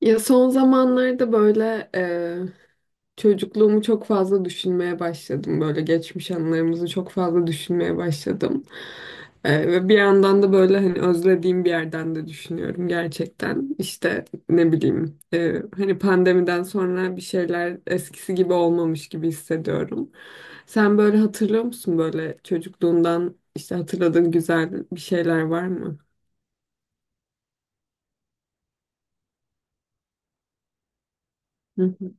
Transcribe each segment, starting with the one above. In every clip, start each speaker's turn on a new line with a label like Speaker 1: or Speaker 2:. Speaker 1: Ya son zamanlarda böyle çocukluğumu çok fazla düşünmeye başladım. Böyle geçmiş anılarımızı çok fazla düşünmeye başladım. Ve bir yandan da böyle hani özlediğim bir yerden de düşünüyorum gerçekten. İşte ne bileyim hani pandemiden sonra bir şeyler eskisi gibi olmamış gibi hissediyorum. Sen böyle hatırlıyor musun böyle çocukluğundan işte hatırladığın güzel bir şeyler var mı? Hı hı.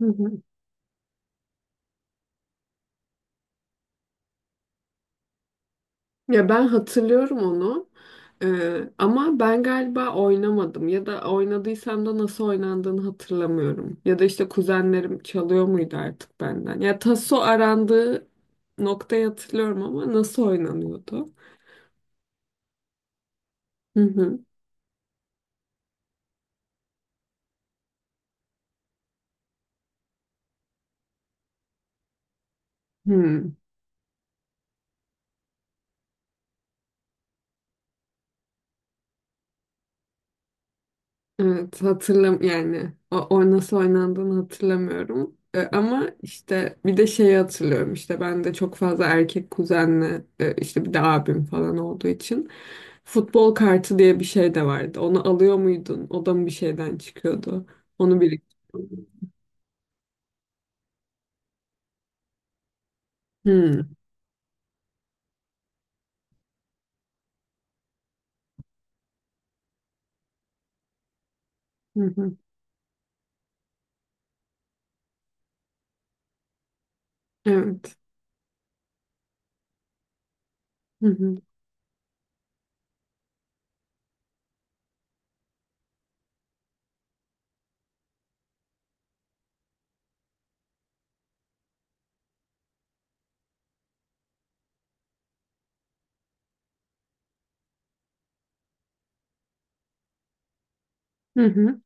Speaker 1: Hı hı. Ya ben hatırlıyorum onu. Ama ben galiba oynamadım ya da oynadıysam da nasıl oynandığını hatırlamıyorum. Ya da işte kuzenlerim çalıyor muydu artık benden. Ya taso arandığı noktayı hatırlıyorum ama nasıl oynanıyordu? Hı hı. Hı. Evet hatırlam yani o nasıl oynandığını hatırlamıyorum. Ama işte bir de şeyi hatırlıyorum işte ben de çok fazla erkek kuzenle işte bir de abim falan olduğu için futbol kartı diye bir şey de vardı. Onu alıyor muydun? O da mı bir şeyden çıkıyordu? Onu biriktiriyordum. Hı hı. Hı. Evet. Hı hı. Hı hı.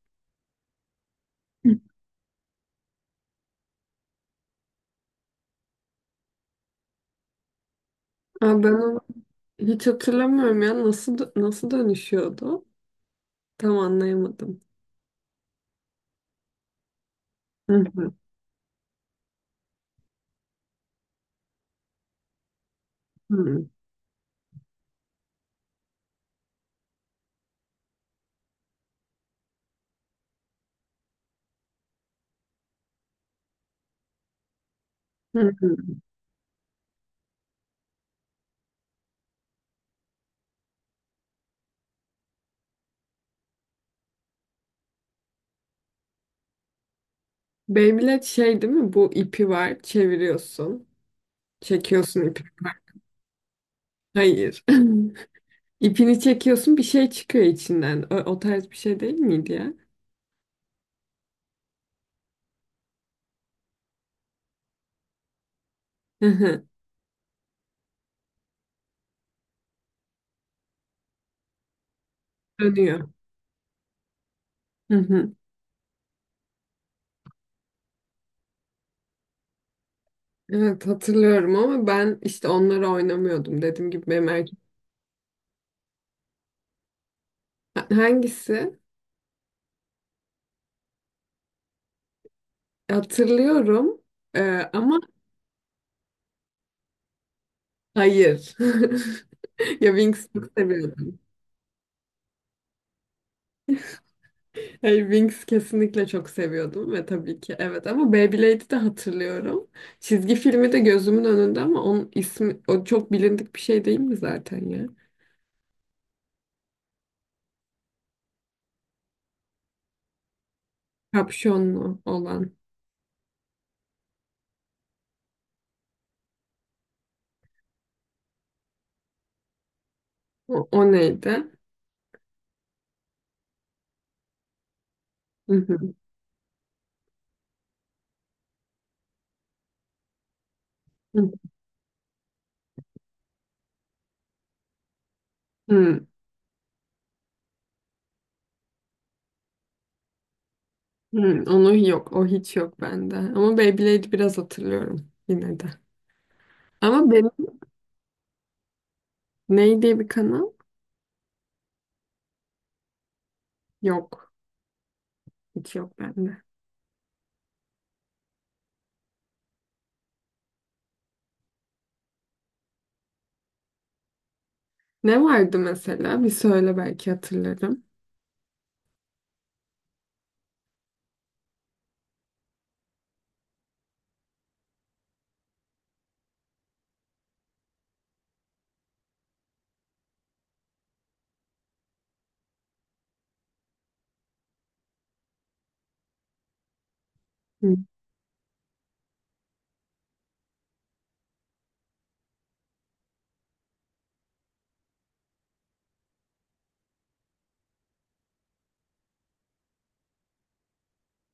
Speaker 1: Aa, ben onu hiç hatırlamıyorum ya nasıl dönüşüyordu? Tam anlayamadım. Hı hı. Hı hı. Beyblade şey değil mi? Bu ipi var, çeviriyorsun. Çekiyorsun ipi. Var. Hayır. İpini çekiyorsun, bir şey çıkıyor içinden. O tarz bir şey değil miydi ya? Hı hı. Dönüyor. Hı hı. Evet hatırlıyorum ama ben işte onları oynamıyordum. Dediğim gibi benim erkek... Hangisi? Hatırlıyorum. Ee, ama Hayır. Ya Wingsuit seviyordum. Hey, Winx kesinlikle çok seviyordum ve tabii ki evet ama Beyblade'i de hatırlıyorum. Çizgi filmi de gözümün önünde ama onun ismi o çok bilindik bir şey değil mi zaten ya? Kapşonlu olan. O neydi? Hı hı. Hı hı. Hı. Onu yok. O hiç yok bende. Ama Beyblade'i biraz hatırlıyorum yine de. Ama benim ney diye bir kanal yok. Hiç yok bende. Ne vardı mesela? Bir söyle belki hatırlarım. Hı.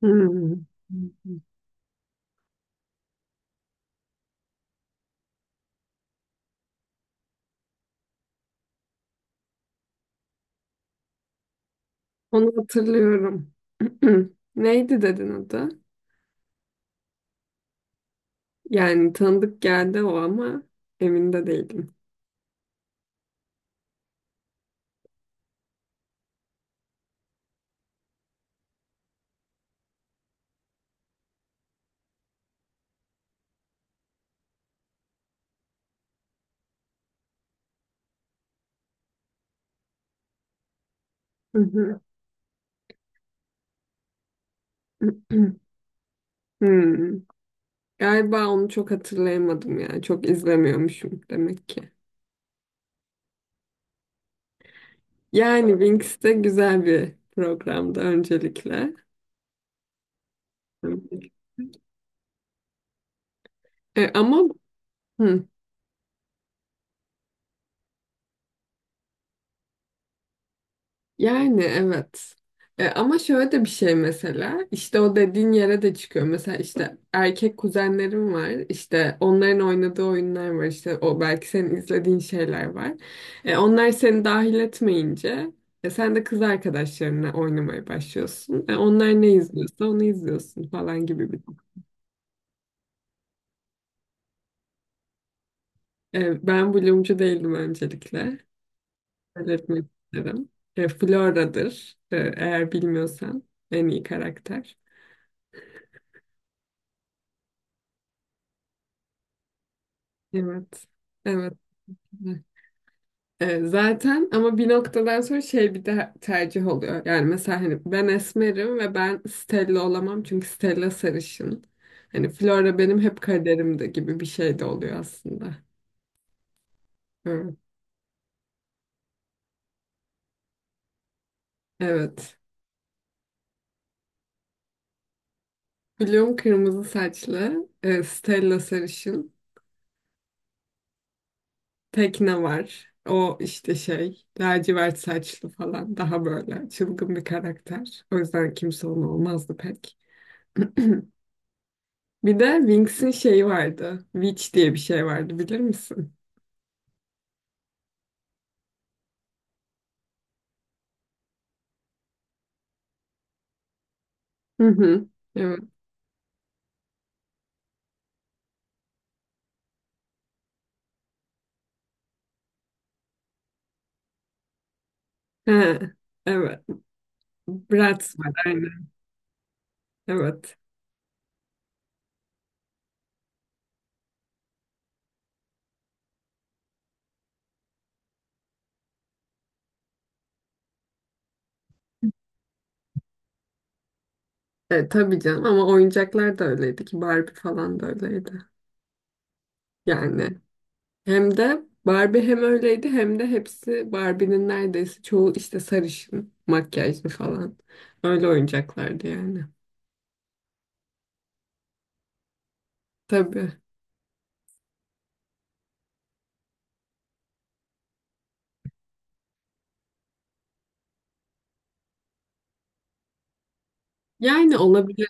Speaker 1: Hı. Onu hatırlıyorum. Neydi dedin adı? Yani tanıdık geldi o ama emin de değilim. Hı hı. Hmm. Galiba onu çok hatırlayamadım ya. Çok izlemiyormuşum demek ki. Yani Wings de güzel bir programdı öncelikle. E, ama Hı. Yani evet. Ama şöyle de bir şey mesela işte o dediğin yere de çıkıyor. Mesela işte erkek kuzenlerim var. İşte onların oynadığı oyunlar var. İşte o belki senin izlediğin şeyler var. Onlar seni dahil etmeyince sen de kız arkadaşlarınla oynamaya başlıyorsun. Onlar ne izliyorsa onu izliyorsun falan gibi bir. Ben Bloom'cu değildim öncelikle. Belirtmek isterim. Flora'dır. Eğer bilmiyorsan en iyi karakter. Evet. Evet. Zaten ama bir noktadan sonra şey bir de tercih oluyor. Yani mesela hani ben esmerim ve ben Stella olamam çünkü Stella sarışın. Hani Flora benim hep kaderimde gibi bir şey de oluyor aslında. Evet. Evet. Bloom kırmızı saçlı, Stella sarışın, Tekne var. O işte şey, lacivert saçlı falan daha böyle çılgın bir karakter. O yüzden kimse onu olmazdı pek. Bir de Winx'in şeyi vardı. Witch diye bir şey vardı bilir misin? Hı hı. Evet. He, evet. Bratz var aynen. Evet. Tabii canım ama oyuncaklar da öyleydi ki Barbie falan da öyleydi. Yani hem de Barbie hem öyleydi hem de hepsi Barbie'nin neredeyse çoğu işte sarışın, makyajlı falan. Öyle oyuncaklardı yani. Tabii. Yani olabilir.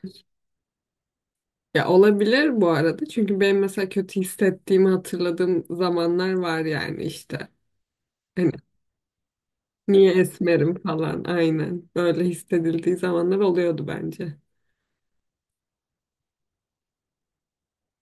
Speaker 1: Ya olabilir bu arada. Çünkü benim mesela kötü hissettiğimi hatırladığım zamanlar var yani işte. Hani niye esmerim falan aynen. Öyle hissedildiği zamanlar oluyordu bence.